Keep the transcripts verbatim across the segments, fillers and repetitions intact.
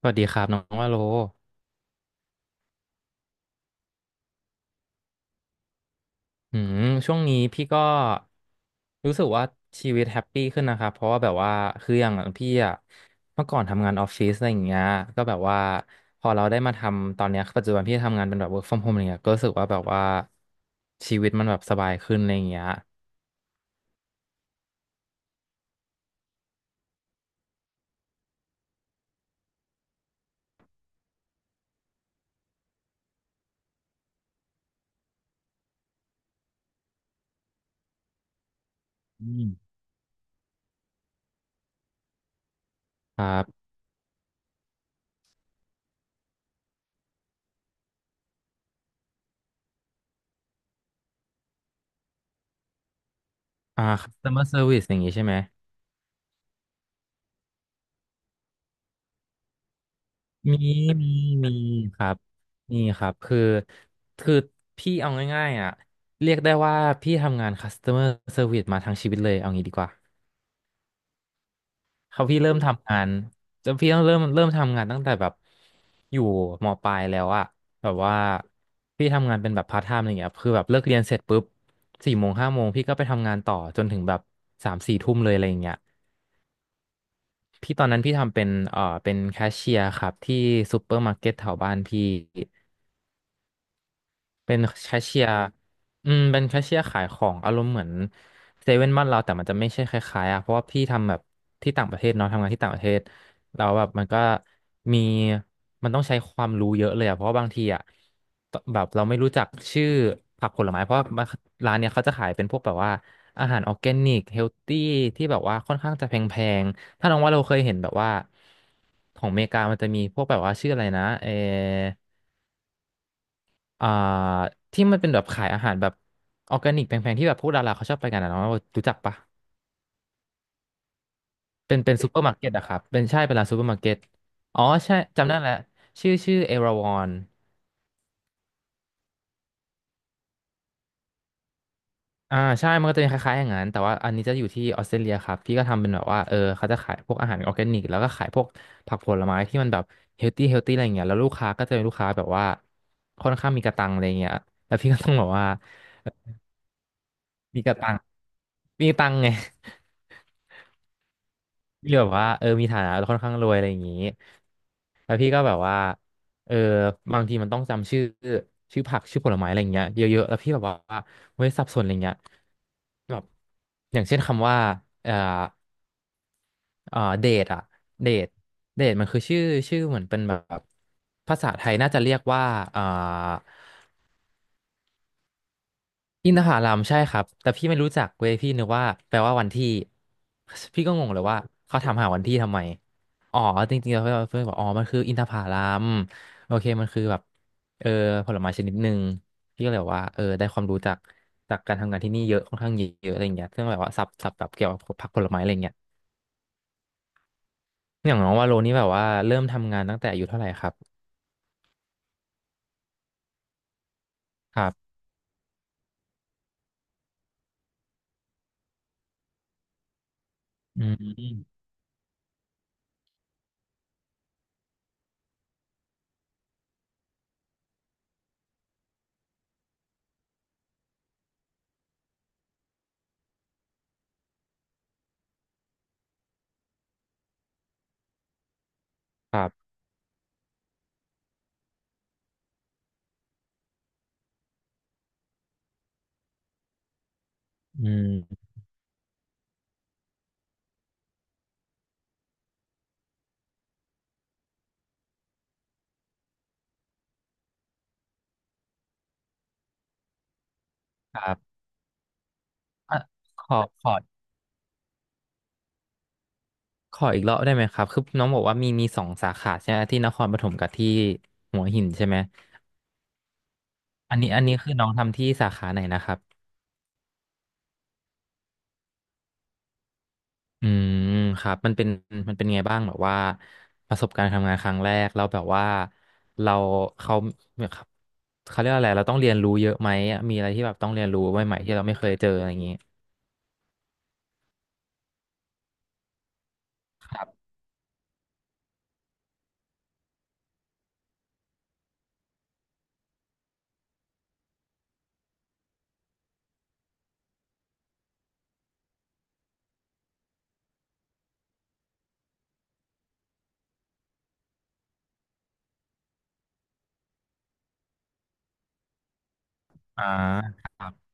สวัสดีครับน้องว่าโลอืมช่วงนี้พี่ก็รู้สึกว่าชีวิตแฮปปี้ขึ้นนะครับเพราะว่าแบบว่าคืออย่างพี่อะเมื่อก่อนทำงานออฟฟิศอะไรอย่างเงี้ยก็แบบว่าพอเราได้มาทำตอนเนี้ยปัจจุบันพี่ทำงานเป็นแบบ work from home อะไรเงี้ยก็รู้สึกว่าแบบว่าชีวิตมันแบบสบายขึ้นอะไรอย่างเงี้ยอืมครับอ่า customer service อย่างงี้ใช่ไหม มีมีมีครับมีครับคือคือพี่เอาง่ายๆอ่ะเรียกได้ว่าพี่ทำงาน customer service มอร์เซอร์วิสมาทั้งชีวิตเลยเอางี้ดีกว่าเขาพี่เริ่มทำงานจะพี่ต้องเริ่มเริ่มทำงานตั้งแต่แบบอยู่มปลายแล้วอะแบบว่าพี่ทำงานเป็นแบบพาร์ทไทม์อะไรเงี้ยคือแบบเลิกเรียนเสร็จปุ๊บสี่โมงห้าโมงพี่ก็ไปทำงานต่อจนถึงแบบสามสี่ทุ่มเลยอะไรอย่างเงี้ยพี่ตอนนั้นพี่ทำเป็นเอ่อเป็นแคชเชียร์ครับที่ซูเปอร์มาร์เก็ตแถวบ้านพี่ เป็นแคชเชียร์อืมเป็นแคชเชียร์ขายของอารมณ์เหมือนเซเว่นบ้านเราแต่มันจะไม่ใช่คล้ายๆอ่ะเพราะว่าพี่ทำแบบที่ต่างประเทศเนาะทำงานที่ต่างประเทศเราแล้วแบบมันก็มีมันต้องใช้ความรู้เยอะเลยอ่ะเพราะว่าบางทีอ่ะตแบบเราไม่รู้จักชื่อผักผลไม้เพราะว่าร้านเนี้ยเขาจะขายเป็นพวกแบบว่าอาหารออร์แกนิกเฮลตี้ที่แบบว่าค่อนข้างจะแพงๆถ้าน้องว่าเราเคยเห็นแบบว่าของอเมริกามันจะมีพวกแบบว่าชื่ออะไรนะเออ อ่าที่มันเป็นแบบขายอาหารแบบออร์แกนิกแพงๆที่แบบพวกดาราเขาชอบไปกันอะเนาะรู้จักปะเป็นเป็นซูเปอร์มาร์เก็ตอะครับเป็นใช่เป็นร้านซูเปอร์มาร์เก็ตอ๋อใช่จำได้แล้วชื่อชื่อเอราวอนอ่าใช่มันก็จะเป็นคล้ายๆอย่างนั้นแต่ว่าอันนี้จะอยู่ที่ออสเตรเลียครับพี่ก็ทำเป็นแบบว่าเออเขาจะขายพวกอาหารออร์แกนิกแล้วก็ขายพวกผักผลไม้ที่มันแบบเฮลตี้เฮลตี้อะไรอย่างเงี้ยแล้วลูกค้าก็จะเป็นลูกค้าแบบว่าค่อนข้างมีกระตังอะไรอย่างเงี้ยแล้วพี่ก็ต้องแบบว่ามีกระตังมีตังไง ที่แบบว่าเออมีฐานะค่อนข้างรวยอะไรอย่างนี้แล้วพี่ก็แบบว่าเออบางทีมันต้องจำชื่อชื่อผักชื่อผลไม้อะไรอย่างเงี้ยเยอะๆแล้วพี่แบบว่าเว้ยสับสนอะไรเงี้ยแบบอย่างเช่นคำว่าเอ่อเอ่อเดทอะเดทเดทมันคือชื่อชื่อเหมือนเป็นแบบภาษาไทยน่าจะเรียกว่าเอ่อ อินทผลัมใช่ครับแต่พี่ไม่รู้จักเว้ยพี่นึกว่าแปลว่าวันที่พี่ก็งงเลยว่าเขาถามหาวันที่ทำไมอ๋อจริงๆแล้วเพื่อนเพื่อนบอกอ๋อมันคืออินทผลัมโอเคมันคือแบบเออผลไม้ชนิดหนึ่งพี่ก็เลยบอกว่าเออได้ความรู้จากจากการทำงานที่นี่เยอะค่อนข้างเยอะอะไรอย่างเงี้ยซึ่งแบบว่าสับสับแบบเกี่ยวกับผักผลไม้อะไรอย่างเงี้ยอย่างน้องว่าโลนี่แบบว่าเริ่มทำงานตั้งแต่อายุเท่าไหร่ครับครับอืมครับอืมครับอ่ะขอขอ ขออีกรอบได้ไหมครับคือน้องบอกว่ามีมีสองสาขาใช่ไหมที่นครปฐมกับที่หัวหินใช่ไหมอันนี้อันนี้คือน้องทำที่สาขาไหนนะครับอืมครับมันเป็นมันเป็นไงบ้างแบบว่าประสบการณ์ทำงานครั้งแรกเราแล้วแบบว่าเราเขาเนี่ยครับเขาเรียกอะไรเราต้องเรียนรู้เยอะไหมมีอะไรที่แบบต้องเรียนรู้ใหม่ๆที่เราไม่เคยเจออะไรอย่างนี้ครับอ่าครับ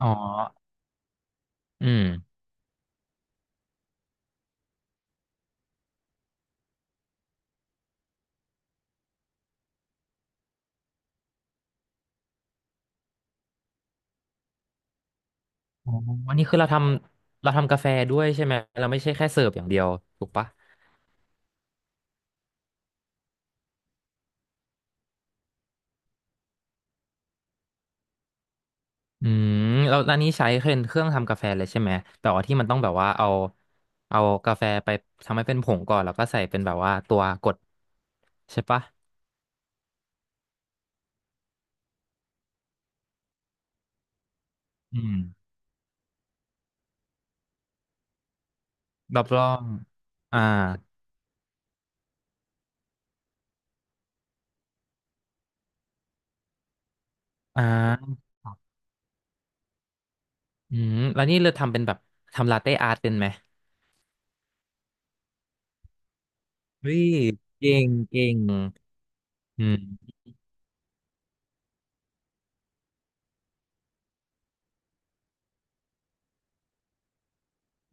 อ๋ออืมอ๋อวันนี้คือเราทำเราทำกาแฟด้วยใช่ไหมเราไม่ใช่แค่เสิร์ฟอย่างเดียวถูกปะ อืมแล้วอันนี้ใช้เป็นเครื่องทำกาแฟเลยใช่ไหมแบบว่าที่มันต้องแบบว่าเอาเอากาแฟไปทำให้เป็นผงก่อนแล้วก็ใส่เป็นแบบว่าตัวกดใช่ปะอืมรอบร่องอ่าอ่าอืมแล้วนี่เราทำเป็นแบบทำลาเต้อาร์ตเป็นไหมเฮ้ยเก่งเก่งอืม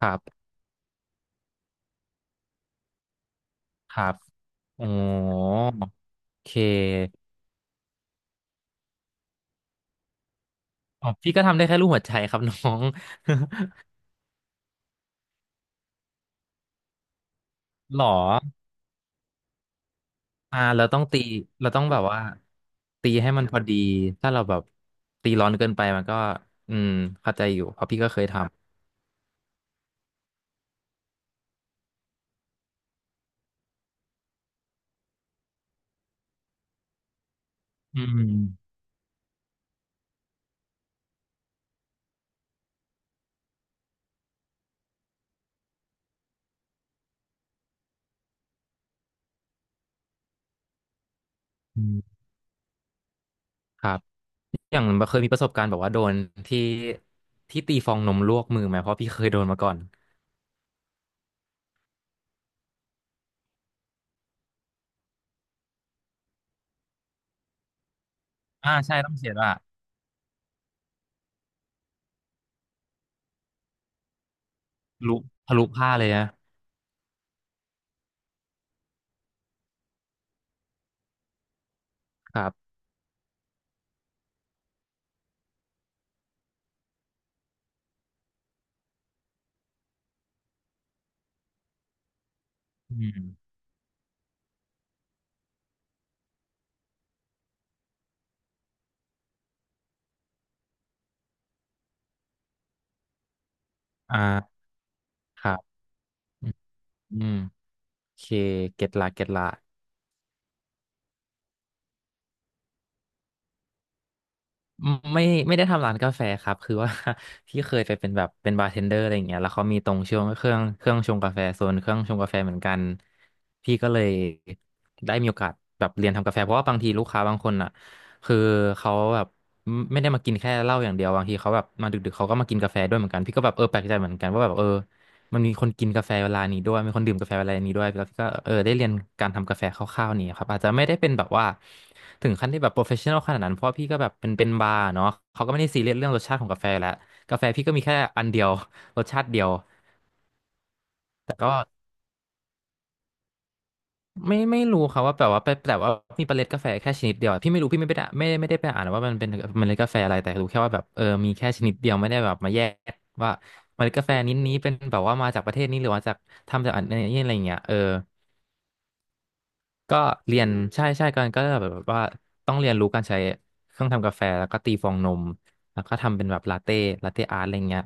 ครับครับโอ้โอเคอ๋อพี่ก็ทำได้แค่รูปหัวใจครับ น้อง หรอ อ่าเราต้องตีเราต้องแบบว่าตีให้มันพอดีถ้าเราแบบตีร้อนเกินไปมันก็อืมเข้าใจอยู่เพราะพี่ก็เคยทำอืมอืมครับอย่างเคยมีประสบการณ์แบบว่าโดนที่ที่ตีฟองนมลวกมือไหมเพราะพี่เคยโดนมาก่อนอ่าใช่ต้องเสียดว่าทะลุทะลุผ้าเลยนะครับอืมอ่าครับอืมโอเคเก็ตละเก็ตละ ไม่ไม่ได้ทำร้านกาแฟครับคือว่า ที่เคยไปเป็นแบบเป็นบาร์เทนเดอร์อะไรอย่างเงี้ยแล้วเขามีตรงช่วงเครื่องเครื่องชงกาแฟโซนเครื่องชงกาแฟเหมือนกันพี่ก็เลยได้มีโอกาสแบบเรียนทำกาแฟเพราะว่าบางทีลูกค้าบางคนอ่ะคือเขาแบบไม่ไม่ได้มากินแค่เหล้าอย่างเดียวบางทีเขาแบบมาดึกๆเขาก็มากินกาแฟด้วยเหมือนกันพี่ก็แบบเออแปลกใจเหมือนกันว่าแบบเออ มันมีคนกินกาแฟเวลานี้ด้วยมีคนดื่มกาแฟเวลานี้ด้วยแล้วก็เออได้เรียนการทำกาแฟคร่าวๆนี่ครับอาจจะไม่ได้เป็นแบบว่าถึงขั้นที่แบบโปรเฟชชั่นอลขนาดนั้นเพราะว่าพี่ก็แบบเป็นเป็นบาร์เนาะเขาก็ไม่ได้ซีเรียสเรื่องรสชาติของกาแฟแล้วกาแฟพี่ก็มีแค่อันเดียว รสชาติเดียวแต่ก็ไม่ไม่รู้ครับว่าแบบว่าไปแต่ว่ามีเมล็ดกาแฟแค่ชนิดเดียวพี่ไม่รู้พี่ไม่ได้ไม่ไม่ได้ไปอ่านว่ามันเป็นเมล็ดกาแฟอะไรแต่รู้แค่ว่าแบบเออมีแค่ชนิดเดียวไม่ได้แบบมาแยกว่าเมล็ดกาแฟนี้นี้เป็นแบบว่ามาจากประเทศนี้หรือว่าจากทำจากอันนี้อะไรอย่างเงี้ยเออ ก็เรียนใช่ใช่กันก็แบบว่าต้องเรียนรู้การใช้เครื่องทำกาแฟแล้วก็ตีฟองนมแล้วก็ทำเป็นแบบลาเต้ลาเต้อาร์ตอะไรเงี้ย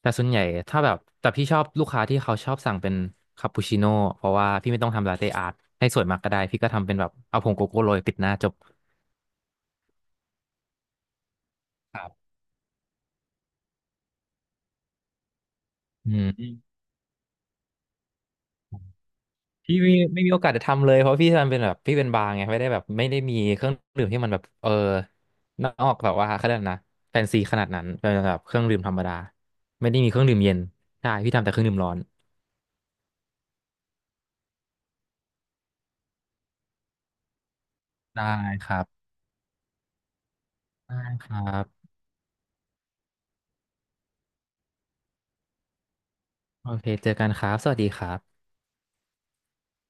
แต่ส่วนใหญ่ถ้าแบบแต่พี่ชอบลูกค้าที่เขาชอบสั่งเป็นคาปูชิโน่เพราะว่าพี่ไม่ต้องทำลาเต้อาร์ตให้สวยมากก็ได้พี่ก็ทำเป็นแบบเอาผงโกโก้โรยปิดหน้าจบครับอืม มีโอกาสจะทำเลยเพราะพี่มันเป็นแบบพี่เป็นบาร์ไงไม่ได้แบบไม่ได้มีเครื่องดื่มที่มันแบบเออนอกแบบว่าเขาเรียกอะไรนะแฟนซีขนาดนั้นเป็นแบบเครื่องดื่มธรรมดาไม่ได้มีเครื่องดื่มเย็นใช่พี่ทำแต่เครื่องดื่มร้อนได้ครับได้ครับโอเคเจอกันครับสวัสดีครับ